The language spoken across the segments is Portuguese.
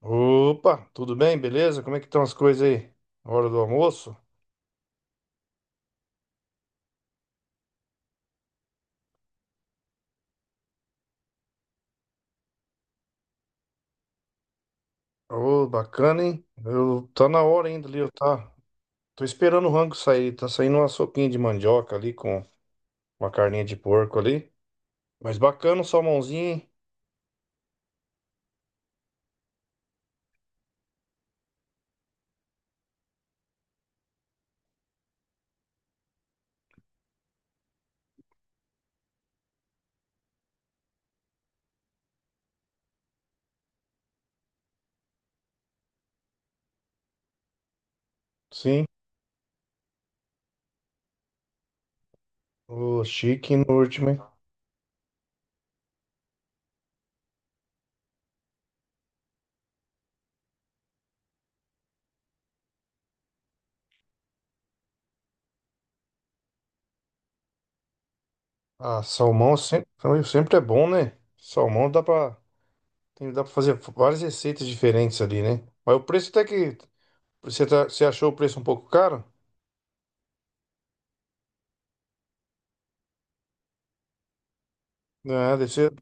Opa, tudo bem? Beleza? Como é que estão as coisas aí? Hora do almoço? Ô, bacana, hein? Eu, tá na hora ainda ali, eu tá. Tô esperando o rango sair. Tá saindo uma sopinha de mandioca ali com uma carninha de porco ali. Mas bacana o salmãozinho, hein? Sim. O chique no último, hein? Ah, sempre é bom, né? Salmão dá pra, tem, dá pra fazer várias receitas diferentes ali, né? Mas o preço até que. Você achou o preço um pouco caro? Ah, deve ser.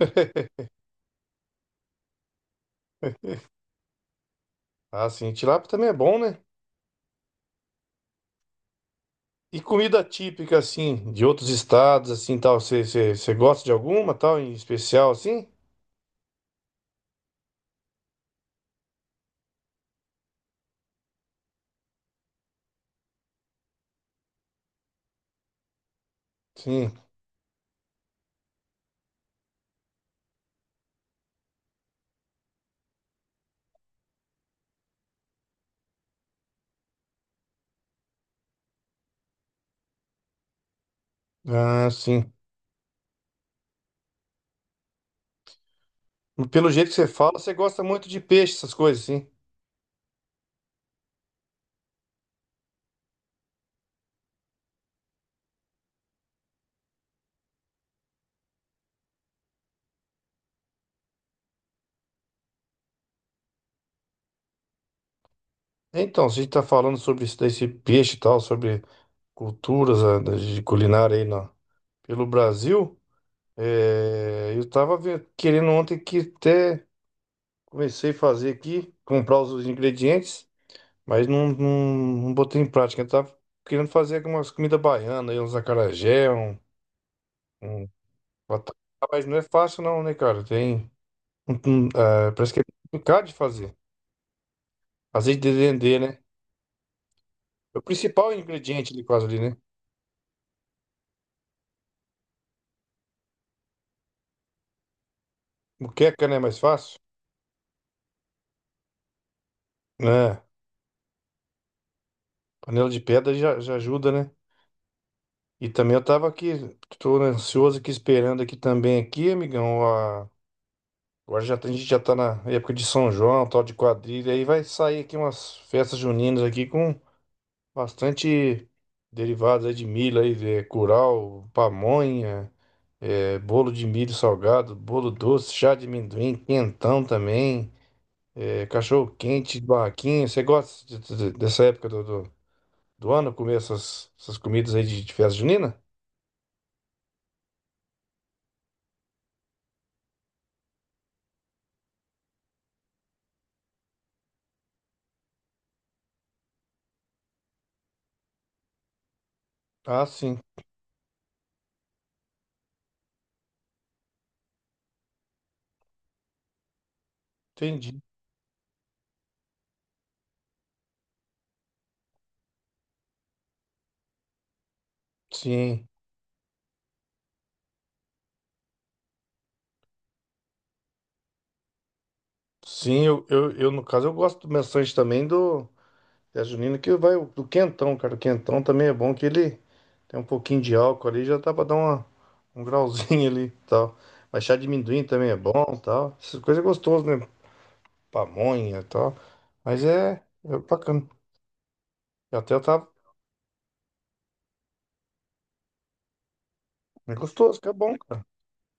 Ah, sim, tilápia também é bom, né? E comida típica, assim, de outros estados, assim, tal, você gosta de alguma, tal, em especial, assim? Sim. Ah, sim. Pelo jeito que você fala, você gosta muito de peixe, essas coisas, sim. Então, se a gente tá falando sobre esse peixe e tal, sobre culturas de culinária pelo Brasil, eu tava querendo ontem, que até comecei a fazer aqui, comprar os ingredientes, mas não botei em prática. Eu tava querendo fazer algumas comidas baianas, uns acarajé, um vatapá, mas não é fácil não, né, cara? Tem, parece que é complicado de fazer. Azeite de dendê, né? É o principal ingrediente ali, quase ali, né? Moqueca, né? É mais fácil. Né? Panela de pedra já ajuda, né? E também eu tava aqui, tô ansioso aqui, esperando aqui também, aqui, amigão, a... Agora já, a gente já tá na época de São João, tal de quadrilha, aí vai sair aqui umas festas juninas aqui com bastante derivados aí de milho, aí, curau, pamonha, bolo de milho salgado, bolo doce, chá de amendoim, quentão também, cachorro-quente, barraquinha. Você gosta dessa época do ano, comer essas comidas aí de festa junina? Ah, sim, entendi. Sim, sim, no caso eu gosto bastante também do. Festa junina que vai do quentão, cara. O quentão também é bom, que ele tem um pouquinho de álcool ali, já dá pra dar uma, um grauzinho ali e tal. Mas chá de amendoim também é bom e tal. Essas coisas é gostoso, né? Pamonha e tal. Mas é, é bacana. Eu até tava. É gostoso, que é bom.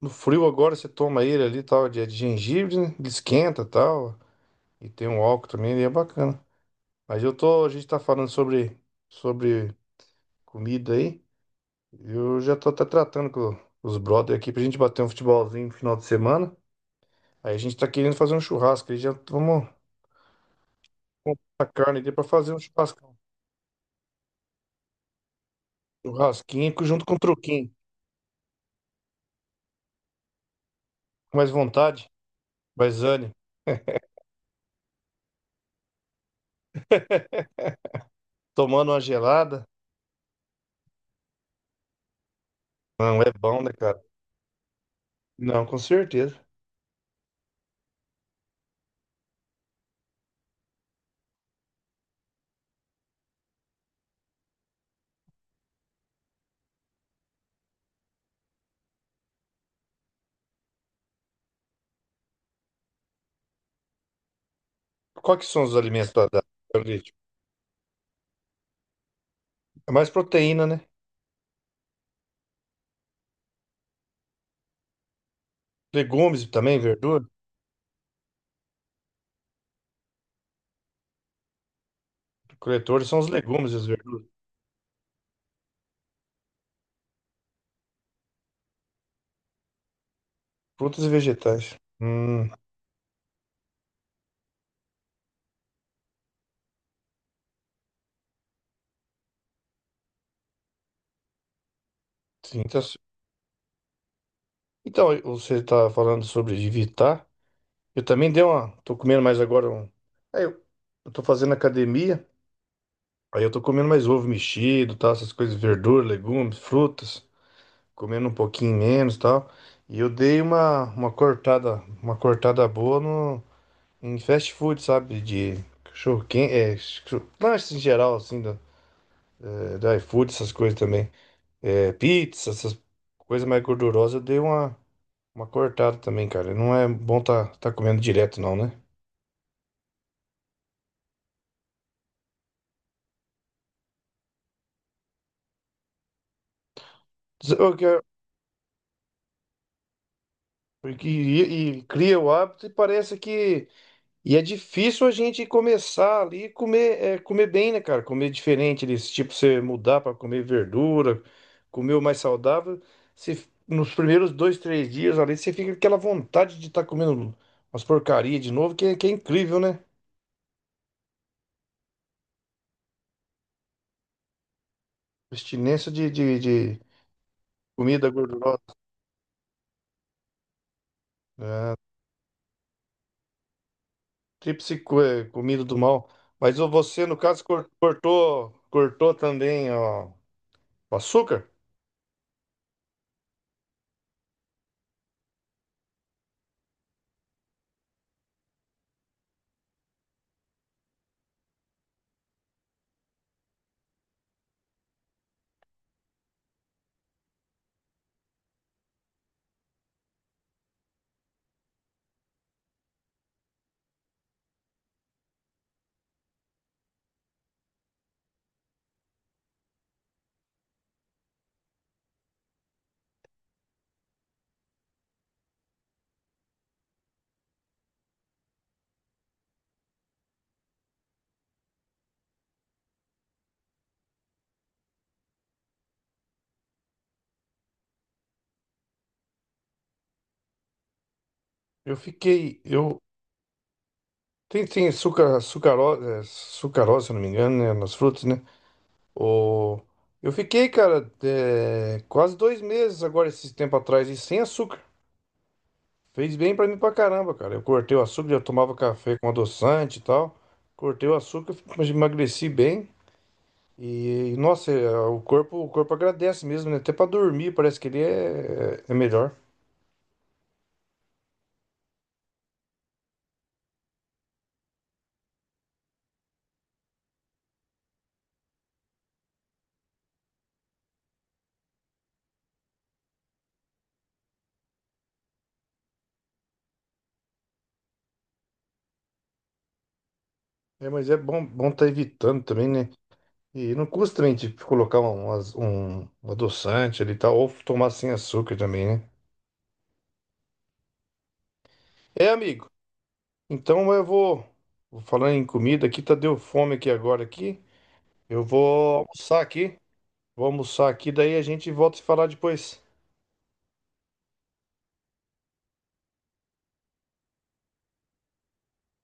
No frio agora você toma ele ali e tal, de gengibre, né? Ele esquenta e tal. E tem um álcool também, ele é bacana. Mas eu tô. A gente tá falando sobre comida aí. Eu já tô até tratando com os brother aqui pra gente bater um futebolzinho no final de semana. Aí a gente tá querendo fazer um churrasco. Aí já vamos comprar carne ali pra fazer um churrascão. Churrasquinho co- junto com um truquinho. Com mais vontade, mais ânimo. Tomando uma gelada. Não, é bom, né, cara? Não, com certeza. Quais que são os alimentos da ali? Tipo, é mais proteína, né? Legumes também, verdura. Coletores são os legumes e as verduras. Frutas e vegetais. Hum, sim, tá certo. Então, você tá falando sobre evitar. Eu também dei uma. Tô comendo mais agora um. Aí eu, eu tô fazendo academia, aí eu tô comendo mais ovo mexido, tal, essas coisas, verdura, legumes, frutas, comendo um pouquinho menos, tal. E eu dei uma cortada boa no, em fast food, sabe? De cachorro quente, lanches em geral, assim, do iFood, essas coisas também. É, pizza, essas coisas mais gordurosas, eu dei uma cortada também, cara. Não é bom tá, tá comendo direto, não, né? Porque cria o hábito e parece que. E é difícil a gente começar ali e comer, comer bem, né, cara? Comer diferente, desse tipo, você mudar para comer verdura, comer o mais saudável. Você, nos primeiros dois, três dias ali, você fica com aquela vontade de estar comendo umas porcarias de novo, que é incrível, né? Abstinência de comida gordurosa, comida do mal. Mas ô, você, no caso, cortou, cortou também, ó, o açúcar? Eu fiquei. Eu, tem, sucarose, se eu não me engano, né, nas frutas, né? O... Eu fiquei, cara, quase dois meses agora, esse tempo atrás, e sem açúcar. Fez bem pra mim pra caramba, cara. Eu cortei o açúcar, já tomava café com adoçante e tal. Cortei o açúcar, mas emagreci bem. E, nossa, o corpo agradece mesmo, né? Até pra dormir, parece que ele é melhor. É, mas é bom, bom tá evitando também, né? E não custa também, tipo, colocar um um adoçante ali e tal, ou tomar sem açúcar também, né? É, amigo. Então vou falando em comida aqui, tá, deu fome aqui agora aqui. Eu vou almoçar aqui. Vou almoçar aqui, daí a gente volta a se falar depois.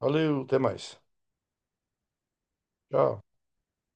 Valeu, até mais. Tchau.